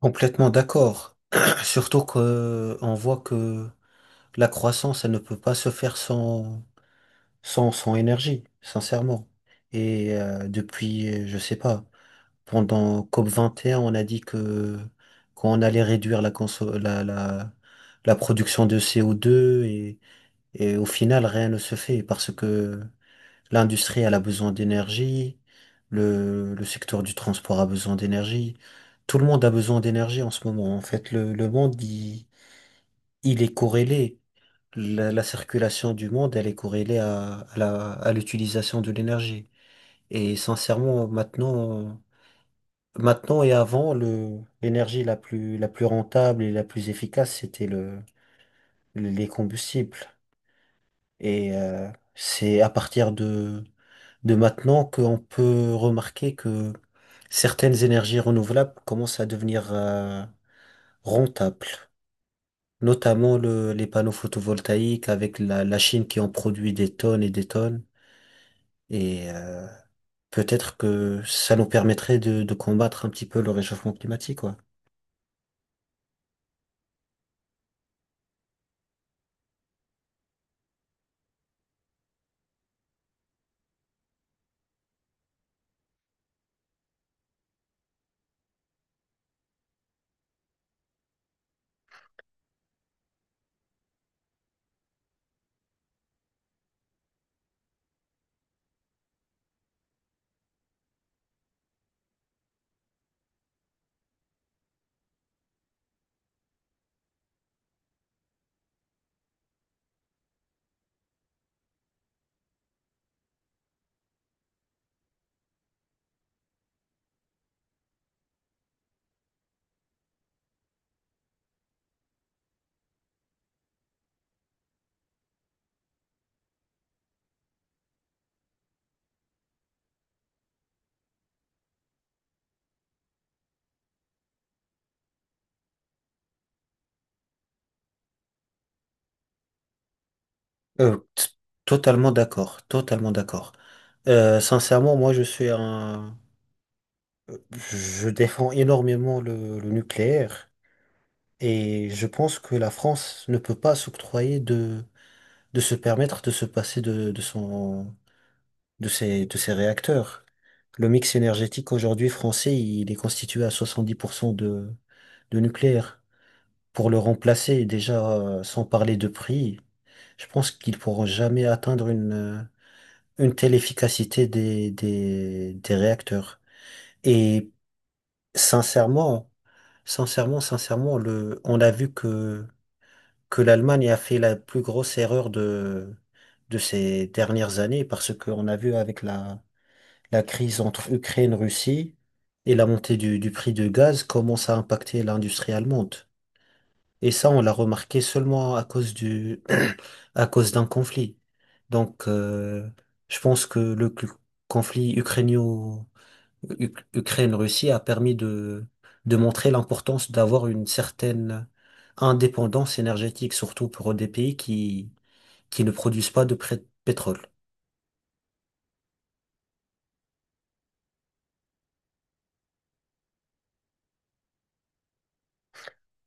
Complètement d'accord. Surtout que on voit que la croissance, elle ne peut pas se faire sans énergie, sincèrement. Et depuis, je sais pas, pendant COP21, on a dit que qu'on allait réduire la, conso- la production de CO2 et au final, rien ne se fait parce que l'industrie, elle a besoin d'énergie. Le secteur du transport a besoin d'énergie. Tout le monde a besoin d'énergie en ce moment. En fait, le monde, il est corrélé. La circulation du monde, elle est corrélée à l'utilisation de l'énergie. Et sincèrement, maintenant et avant, l'énergie la plus rentable et la plus efficace, c'était les combustibles. Et c'est à partir de maintenant qu'on peut remarquer que certaines énergies renouvelables commencent à devenir rentables, notamment les panneaux photovoltaïques avec la Chine qui en produit des tonnes. Et peut-être que ça nous permettrait de combattre un petit peu le réchauffement climatique, quoi. Euh, t- Totalement d'accord, totalement d'accord. Sincèrement, moi, je suis un... Je défends énormément le nucléaire. Et je pense que la France ne peut pas s'octroyer de se permettre de se passer de ses réacteurs. Le mix énergétique aujourd'hui français, il est constitué à 70% de nucléaire. Pour le remplacer, déjà, sans parler de prix, je pense qu'ils pourront jamais atteindre une telle efficacité des réacteurs. Et sincèrement, sincèrement, on a vu que l'Allemagne a fait la plus grosse erreur de ces dernières années parce qu'on a vu avec la crise entre Ukraine-Russie et la montée du prix du gaz comment ça a impacté l'industrie allemande. Et ça, on l'a remarqué seulement à cause d'un conflit. Donc, je pense que conflit ukrainien Ukraine-Russie a permis de montrer l'importance d'avoir une certaine indépendance énergétique, surtout pour des pays qui ne produisent pas de pétrole.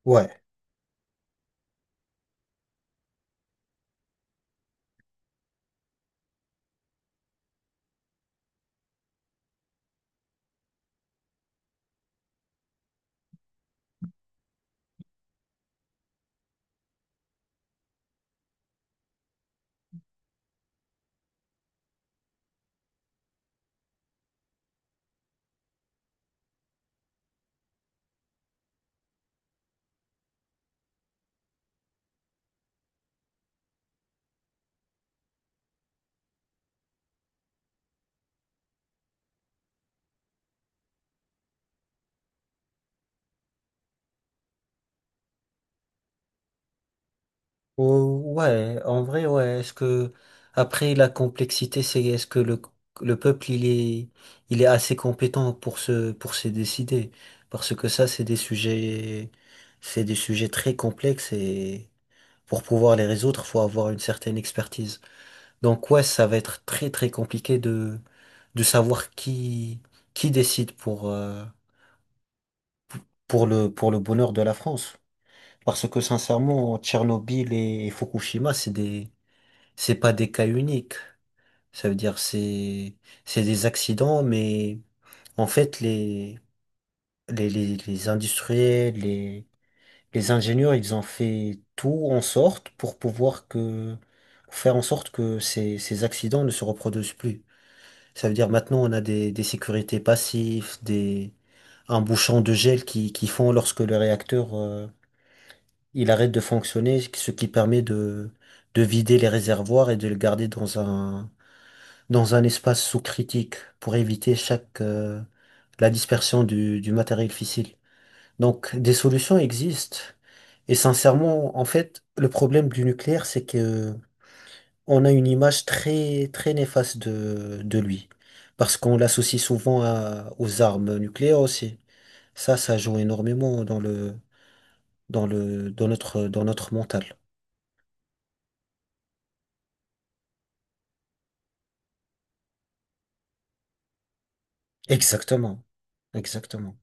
Ouais. Oh, ouais, en vrai, ouais. Après, la complexité, c'est est-ce que le peuple, il est assez compétent pour pour se décider? Parce que ça, c'est des sujets très complexes et pour pouvoir les résoudre, faut avoir une certaine expertise. Donc ouais, ça va être très très compliqué de savoir qui décide pour le bonheur de la France. Parce que sincèrement, Tchernobyl et Fukushima, c'est pas des cas uniques. Ça veut dire c'est des accidents, mais en fait les industriels, les ingénieurs, ils ont fait tout en sorte pour pouvoir que faire en sorte que ces accidents ne se reproduisent plus. Ça veut dire maintenant on a des sécurités passives, un bouchon de gel qui fond lorsque le réacteur il arrête de fonctionner, ce qui permet de vider les réservoirs et de le garder dans un espace sous-critique pour éviter la dispersion du matériel fissile. Donc des solutions existent. Et sincèrement, en fait, le problème du nucléaire, c'est que on a une image très, très néfaste de lui. Parce qu'on l'associe souvent aux armes nucléaires aussi. Ça joue énormément dans notre mental. Exactement. Exactement.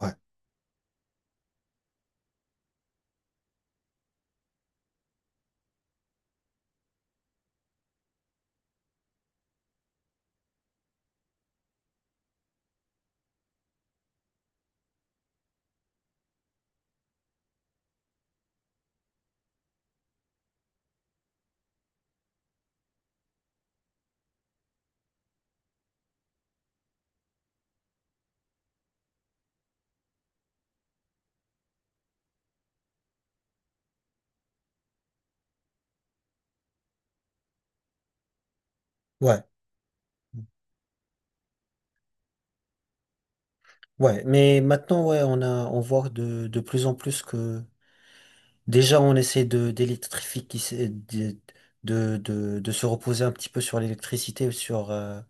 Ouais. Ouais. Ouais. Mais maintenant, ouais, on voit de plus en plus que, déjà, on essaie d'électrifier, qui s'est- de se reposer un petit peu sur l'électricité,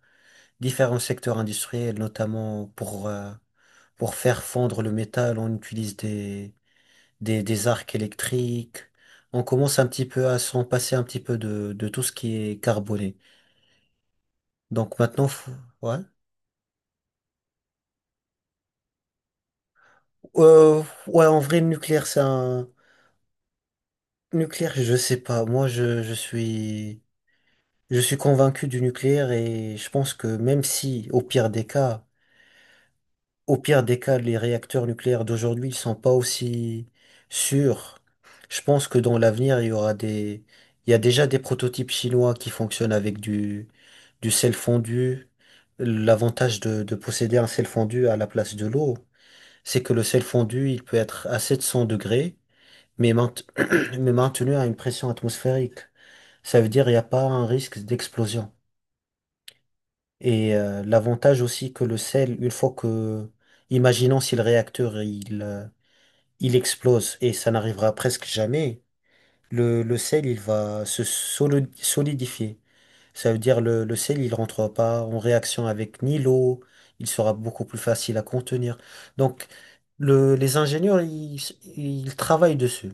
différents secteurs industriels, notamment pour faire fondre le métal, on utilise des arcs électriques. On commence un petit peu à s'en passer un petit peu de tout ce qui est carboné. Donc maintenant, ouais. Euh, ouais, en vrai, le nucléaire, c'est un... Nucléaire, je sais pas. Moi, je suis... Je suis convaincu du nucléaire et je pense que même si, au pire des cas, les réacteurs nucléaires d'aujourd'hui ne sont pas aussi sûrs. Je pense que dans l'avenir, il y aura des... Il y a déjà des prototypes chinois qui fonctionnent avec du sel fondu. L'avantage de posséder un sel fondu à la place de l'eau, c'est que le sel fondu, il peut être à 700 degrés, mais, mais maintenu à une pression atmosphérique. Ça veut dire qu'il n'y a pas un risque d'explosion. Et l'avantage aussi que le sel, une fois que... Imaginons si le réacteur, il explose et ça n'arrivera presque jamais, le sel, il va se solidifier. Ça veut dire le sel, il rentre pas en réaction avec ni l'eau, il sera beaucoup plus facile à contenir. Donc, les ingénieurs, ils travaillent dessus.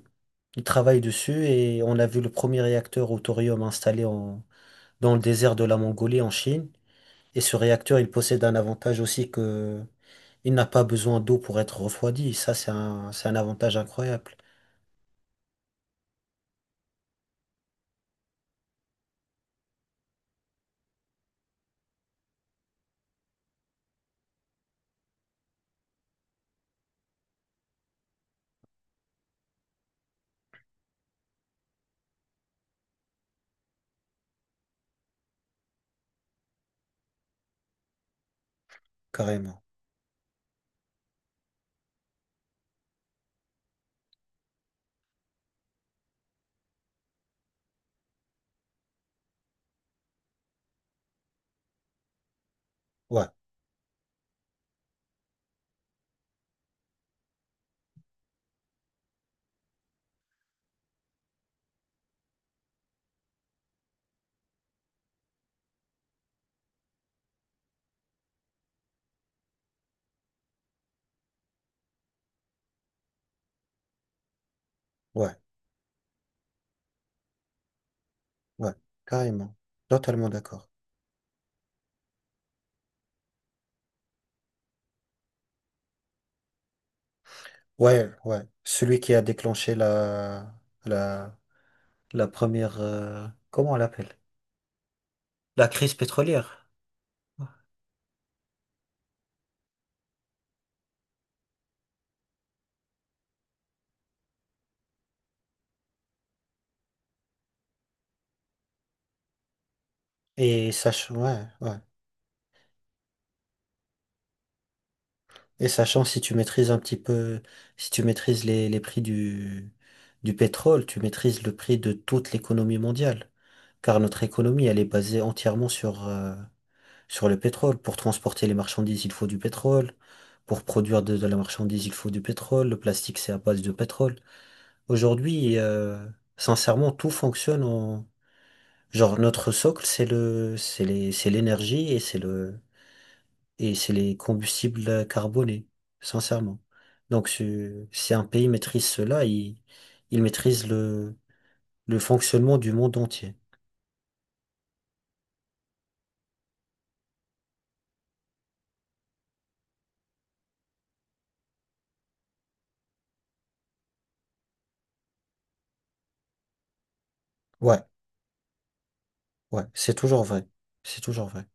Ils travaillent dessus et on a vu le premier réacteur au thorium installé dans le désert de la Mongolie en Chine. Et ce réacteur, il possède un avantage aussi que il n'a pas besoin d'eau pour être refroidi. Ça, c'est un avantage incroyable. Carrément. Ouais, ouais, ouais, carrément. Totalement d'accord. Ouais, ouais. Celui qui a déclenché la, la première, comment on l'appelle? La crise pétrolière. Et sachant, ouais, ouais. Et sachant si tu maîtrises un petit peu, si tu maîtrises les prix du pétrole, tu maîtrises le prix de toute l'économie mondiale. Car notre économie, elle est basée entièrement sur le pétrole, pour transporter les marchandises, il faut du pétrole. Pour produire de la marchandise, il faut du pétrole. Le plastique, c'est à base de pétrole. Aujourd'hui, sincèrement, tout fonctionne en... Genre, notre socle, c'est l'énergie et et c'est les combustibles carbonés, sincèrement. Donc, si un pays maîtrise cela, il maîtrise le fonctionnement du monde entier. Ouais, ouais, c'est toujours vrai. C'est toujours vrai,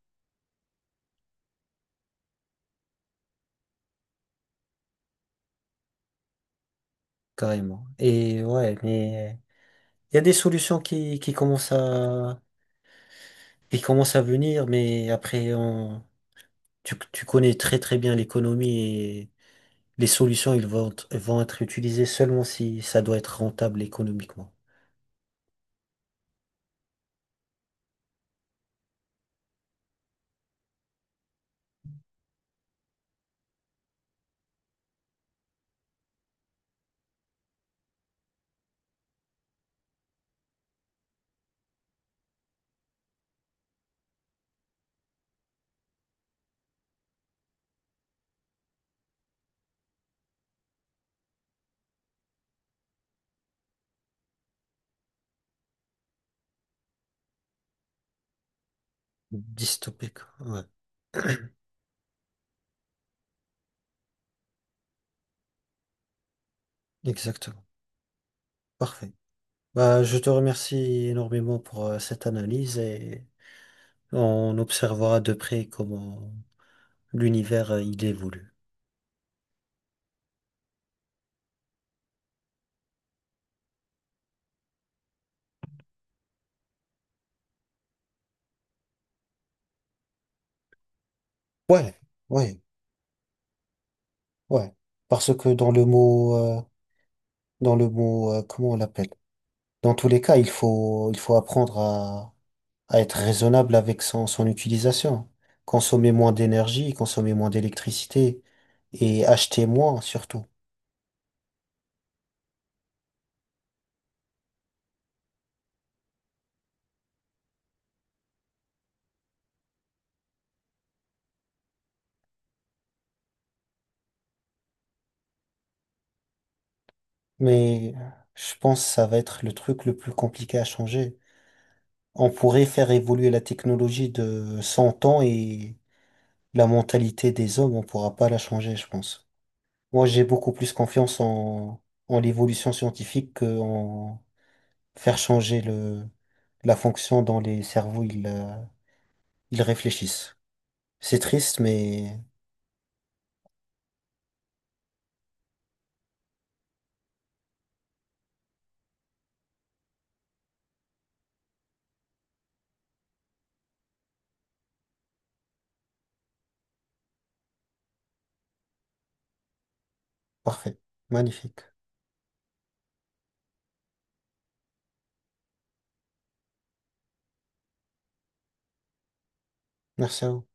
carrément. Et ouais, mais... Il y a des solutions qui commencent à venir, mais après, tu connais très très bien l'économie et les solutions, vont être utilisées seulement si ça doit être rentable économiquement. Dystopique, ouais, exactement. Parfait. Bah, je te remercie énormément pour cette analyse et on observera de près comment l'univers il évolue. Ouais, ouais, ouais. Parce que dans le mot, comment on l'appelle? Dans tous les cas, il faut apprendre à être raisonnable avec son utilisation. Consommer moins d'énergie, consommer moins d'électricité et acheter moins surtout. Mais je pense que ça va être le truc le plus compliqué à changer. On pourrait faire évoluer la technologie de 100 ans et la mentalité des hommes, on pourra pas la changer, je pense. Moi, j'ai beaucoup plus confiance en l'évolution scientifique qu'en faire changer la fonction dans les cerveaux. Ils réfléchissent. C'est triste, mais parfait. Magnifique. Merci à vous.